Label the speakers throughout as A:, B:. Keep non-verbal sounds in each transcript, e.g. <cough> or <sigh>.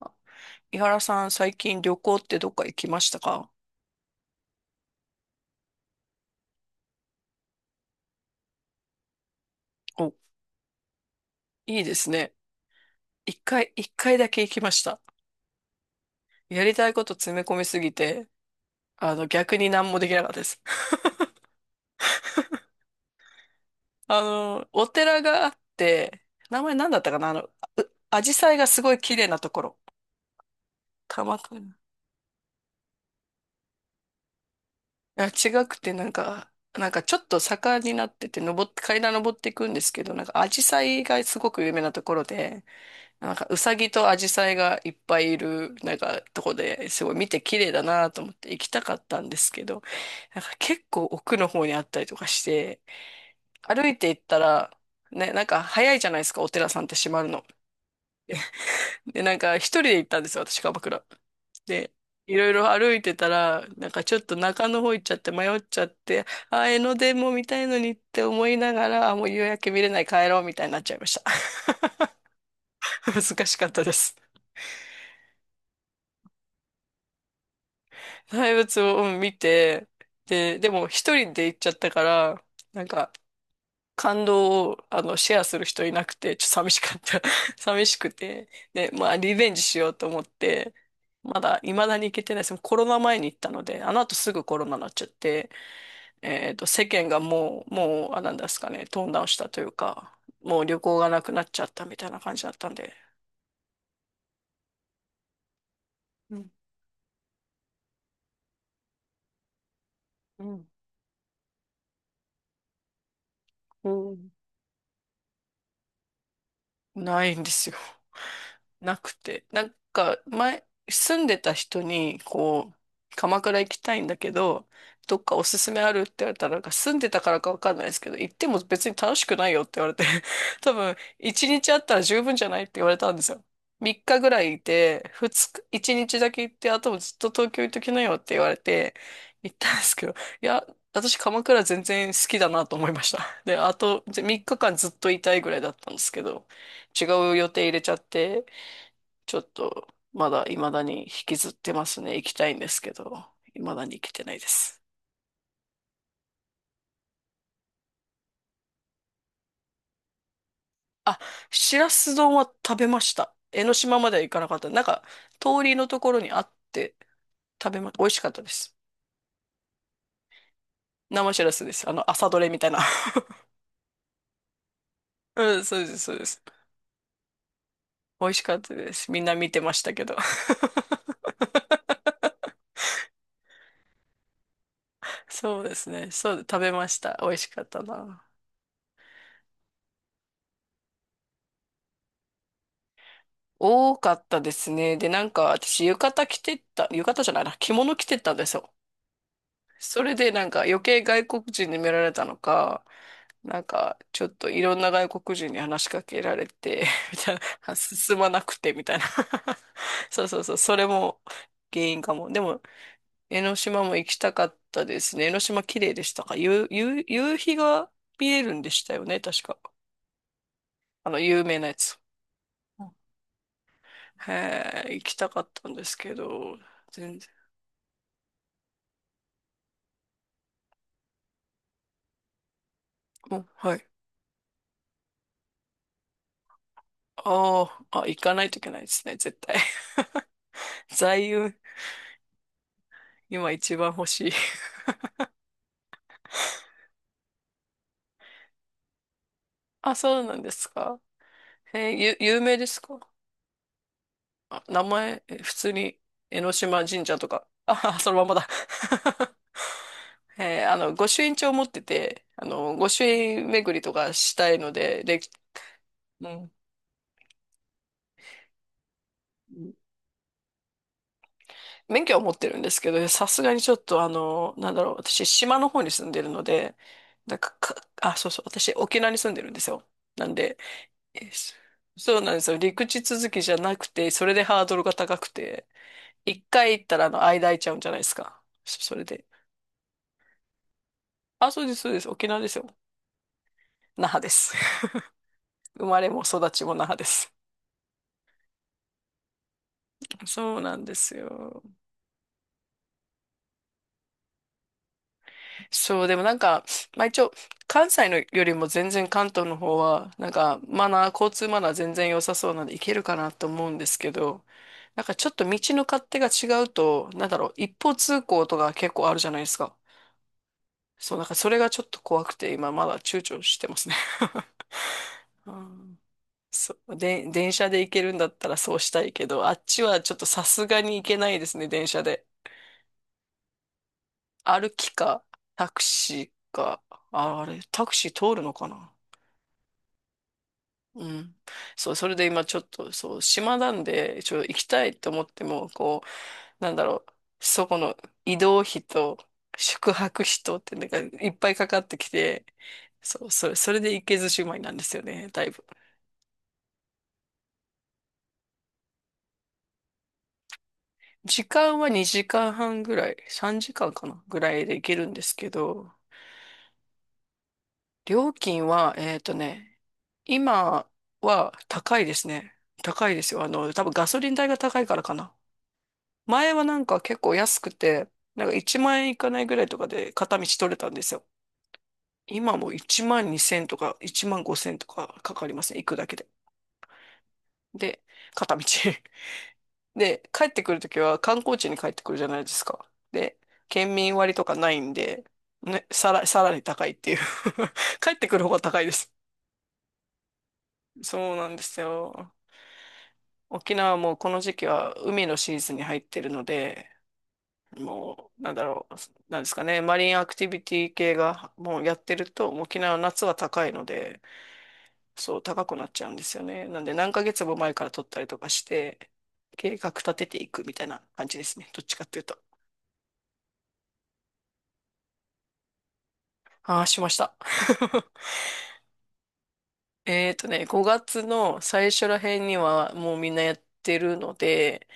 A: あ、井原さん、最近旅行ってどっか行きましたか？お、いいですね。一回、一回だけ行きました。やりたいこと詰め込みすぎて、逆に何もできなかったです。<laughs> お寺があって、名前何だったかな紫陽花がすごい綺麗なところ。鎌倉。あ、違くて、なんかちょっと坂になってて、登って、階段登っていくんですけど、なんかアジサイがすごく有名なところで、なんかウサギとアジサイがいっぱいいる、なんかとこですごい見て綺麗だなと思って行きたかったんですけど、なんか結構奥の方にあったりとかして、歩いて行ったら、ね、なんか早いじゃないですか、お寺さんって閉まるの。で、なんか一人で行ったんですよ、私、鎌倉。で、いろいろ歩いてたら、なんかちょっと中の方行っちゃって迷っちゃって、あー、江ノ電も見たいのにって思いながら、あ、もう夕焼け見れない帰ろうみたいになっちゃいました。<laughs> 難しかったです。大仏を見て、で、でも一人で行っちゃったから、なんか感動をシェアする人いなくて、ちょっと寂しかった。<laughs> 寂しくて。で、まあ、リベンジしようと思って、まだ未だに行けてないです。コロナ前に行ったので、あの後すぐコロナになっちゃって、世間がもう、あ、なんですかね、トーンダウンしたというか、もう旅行がなくなっちゃったみたいな感じだったんで。うん、うん、うん、ないんですよ。なくて。なんか、前、住んでた人に、こう、鎌倉行きたいんだけど、どっかおすすめあるって言われたら、なんか住んでたからかわかんないですけど、行っても別に楽しくないよって言われて、<laughs> 多分、一日あったら十分じゃないって言われたんですよ。3日ぐらいいて、2日、1日だけ行って、あともずっと東京行っときなよって言われて、行ったんですけど、いや、私鎌倉全然好きだなと思いました。で、あと3日間ずっといたいぐらいだったんですけど、違う予定入れちゃって、ちょっとまだ未だに引きずってますね。行きたいんですけど、未だに行けてないです。あ、しらす丼は食べました。江ノ島までは行かなかった。なんか、通りのところにあって食べま、美味しかったです。生しらすです。あの、朝どれみたいな。<laughs> うん、そうです、そうです。美味しかったです。みんな見てましたけど。<laughs> そうですね。そう、食べました。美味しかったな。多かったですね。で、なんか私浴衣着てった、浴衣じゃないな、着物着てったんですよ。それでなんか余計外国人に見られたのか、なんかちょっといろんな外国人に話しかけられて、<laughs> みたいな、進まなくてみたいな。<laughs> そうそうそう、それも原因かも。でも、江ノ島も行きたかったですね。江ノ島綺麗でしたか？夕日が見えるんでしたよね、確か。あの、有名なやつ。へえ、行きたかったんですけど、全然。お、はい。ああ、あ、行かないといけないですね、絶対。<laughs> 座右、今一番欲しい。<laughs> あ、そうなんですか。えーゆ、有名ですか？あ、名前、え普通に、江ノ島神社とか。あ、<laughs> そのままだ。<laughs> あの、御朱印帳持ってて、あの、御朱印巡りとかしたいので、で、うん。免許は持ってるんですけど、さすがにちょっとあの、なんだろう、私、島の方に住んでるので、なんか、か、あ、そうそう、私、沖縄に住んでるんですよ。なんで、そそうなんですよ。陸地続きじゃなくて、それでハードルが高くて、一回行ったらあの間空いちゃうんじゃないですか。それで。あ、そうです、そうです。沖縄ですよ。那覇です。<laughs> 生まれも育ちも那覇です。そうなんですよ。そう、でもなんか、まあ一応、関西のよりも全然関東の方は、なんかマナー、交通マナー全然良さそうなんで行けるかなと思うんですけど、なんかちょっと道の勝手が違うと、なんだろう、一方通行とか結構あるじゃないですか。そう、だからそれがちょっと怖くて、今まだ躊躇してますね。<laughs> うん、そう、で、電車で行けるんだったらそうしたいけど、あっちはちょっとさすがに行けないですね、電車で。歩きか、タクシーか、あ、あれ、タクシー通るのかな？うん。そう、それで今ちょっと、そう、島なんで、ちょっと行きたいと思っても、こう、なんだろう、そこの移動費と宿泊費とってなんかいっぱいかかってきて、そう、それで行けずじまいなんですよね、だいぶ。時間は2時間半ぐらい、3時間かんかな、ぐらいで行けるんですけど、料金は、えっとね、今は高いですね。高いですよ。あの、多分ガソリン代が高いからかな。前はなんか結構安くて、なんか1万円いかないぐらいとかで片道取れたんですよ。今も1万2千とか1万5千とかかかりますね。行くだけで。で、片道。<laughs> で、帰ってくるときは観光地に帰ってくるじゃないですか。で、県民割とかないんで、ね、さらに高いっていう <laughs> 帰ってくる方が高いです。そうなんですよ。沖縄はもうこの時期は海のシーズンに入ってるので、もう、なんだろう、なんですかね、マリンアクティビティ系がもうやってると、もう沖縄の夏は高いので、そう、高くなっちゃうんですよね。なんで、何ヶ月も前から取ったりとかして、計画立てていくみたいな感じですね。どっちかっていうと。ああ、しました。<laughs> えーとね、5月の最初ら辺にはもうみんなやってるので、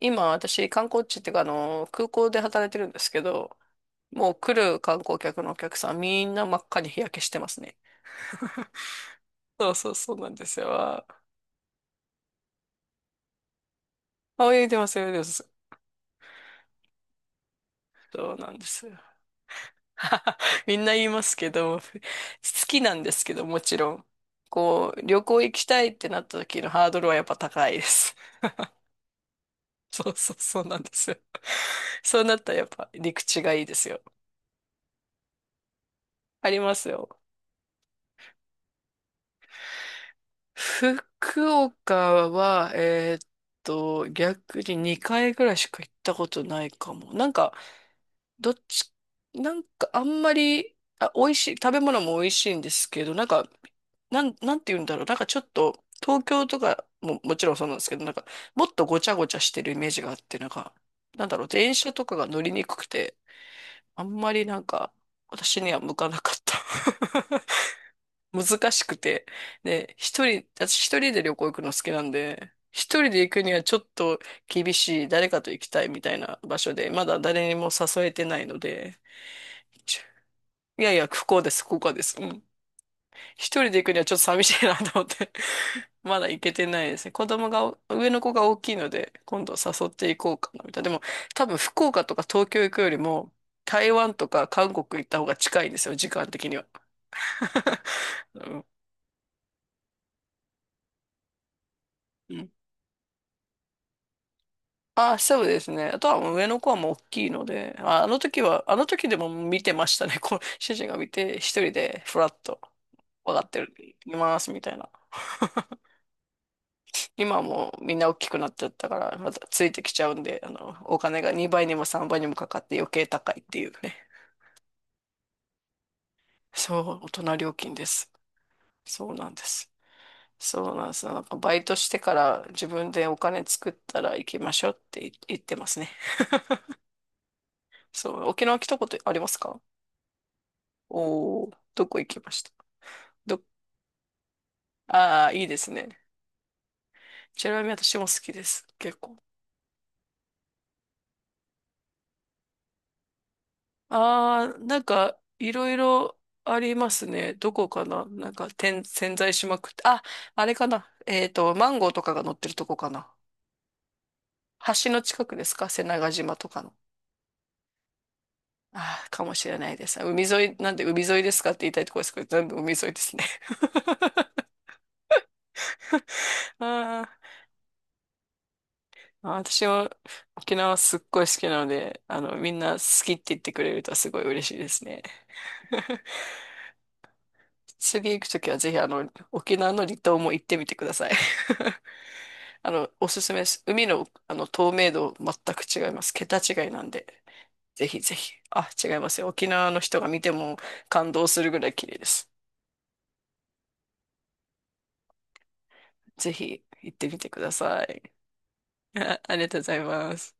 A: 今私観光地っていうかあの空港で働いてるんですけど、もう来る観光客のお客さんみんな真っ赤に日焼けしてますね。そうそうそうなんですよ。あ、泳いでます、泳いでます。そうなんですよ。<laughs> みんな言いますけど、好きなんですけど、もちろん。こう、旅行行きたいってなった時のハードルはやっぱ高いです。<laughs> そうそうそうなんですよ。そうなったらやっぱ陸地がいいですよ。ありますよ。福岡は、逆に2回ぐらいしか行ったことないかも。なんか、どっち、なんかあんまり、あ、美味しい、食べ物も美味しいんですけど、なんか、なんて言うんだろう。なんかちょっと、東京とかももちろんそうなんですけど、なんか、もっとごちゃごちゃしてるイメージがあって、なんか、なんだろう、電車とかが乗りにくくて、あんまりなんか、私には向かなかった。<laughs> 難しくて。で、私一人で旅行行くの好きなんで、一人で行くにはちょっと厳しい、誰かと行きたいみたいな場所で、まだ誰にも誘えてないので、いやいや、ここです、ここです。うん。一人で行くにはちょっと寂しいなと思って <laughs> まだ行けてないですね。子供が、上の子が大きいので、今度誘っていこうかな、みたいな。でも、多分福岡とか東京行くよりも、台湾とか韓国行った方が近いんですよ、時間的には。<laughs> うん、うん、あ、そうですね。あとはもう上の子はもう大きいので、あ、あの時は、あの時でも見てましたね。こう、主人が見て、一人でフラッと、分かってる、います、みたいな。今はもうみんな大きくなっちゃったから、またついてきちゃうんで、あの、お金が2倍にも3倍にもかかって余計高いっていうね。そう、大人料金です。そうなんです。そうなんです。なんかバイトしてから自分でお金作ったら行きましょうって言ってますね。そう、沖縄来たことありますか？おー、どこ行きました？ど、ああ、いいですね。ちなみに私も好きです。結構。ああ、なんか、いろいろありますね。どこかな？なんか、点、潜在しまくって。あ、あれかな？えっと、マンゴーとかが乗ってるとこかな？橋の近くですか？瀬長島とかの。ああ、かもしれないです。海沿い、なんで海沿いですかって言いたいところですけど、全部海沿いですね。<laughs> あーあー、私も沖縄すっごい好きなので、あの、みんな好きって言ってくれるとすごい嬉しいですね。<laughs> 次行くときはぜひ、あの、沖縄の離島も行ってみてください。<laughs> あの、おすすめです。海の、あの透明度全く違います。桁違いなんで。ぜひぜひ。あ、違いますよ。沖縄の人が見ても感動するぐらい綺麗です。ぜひ行ってみてください。<laughs> ありがとうございます。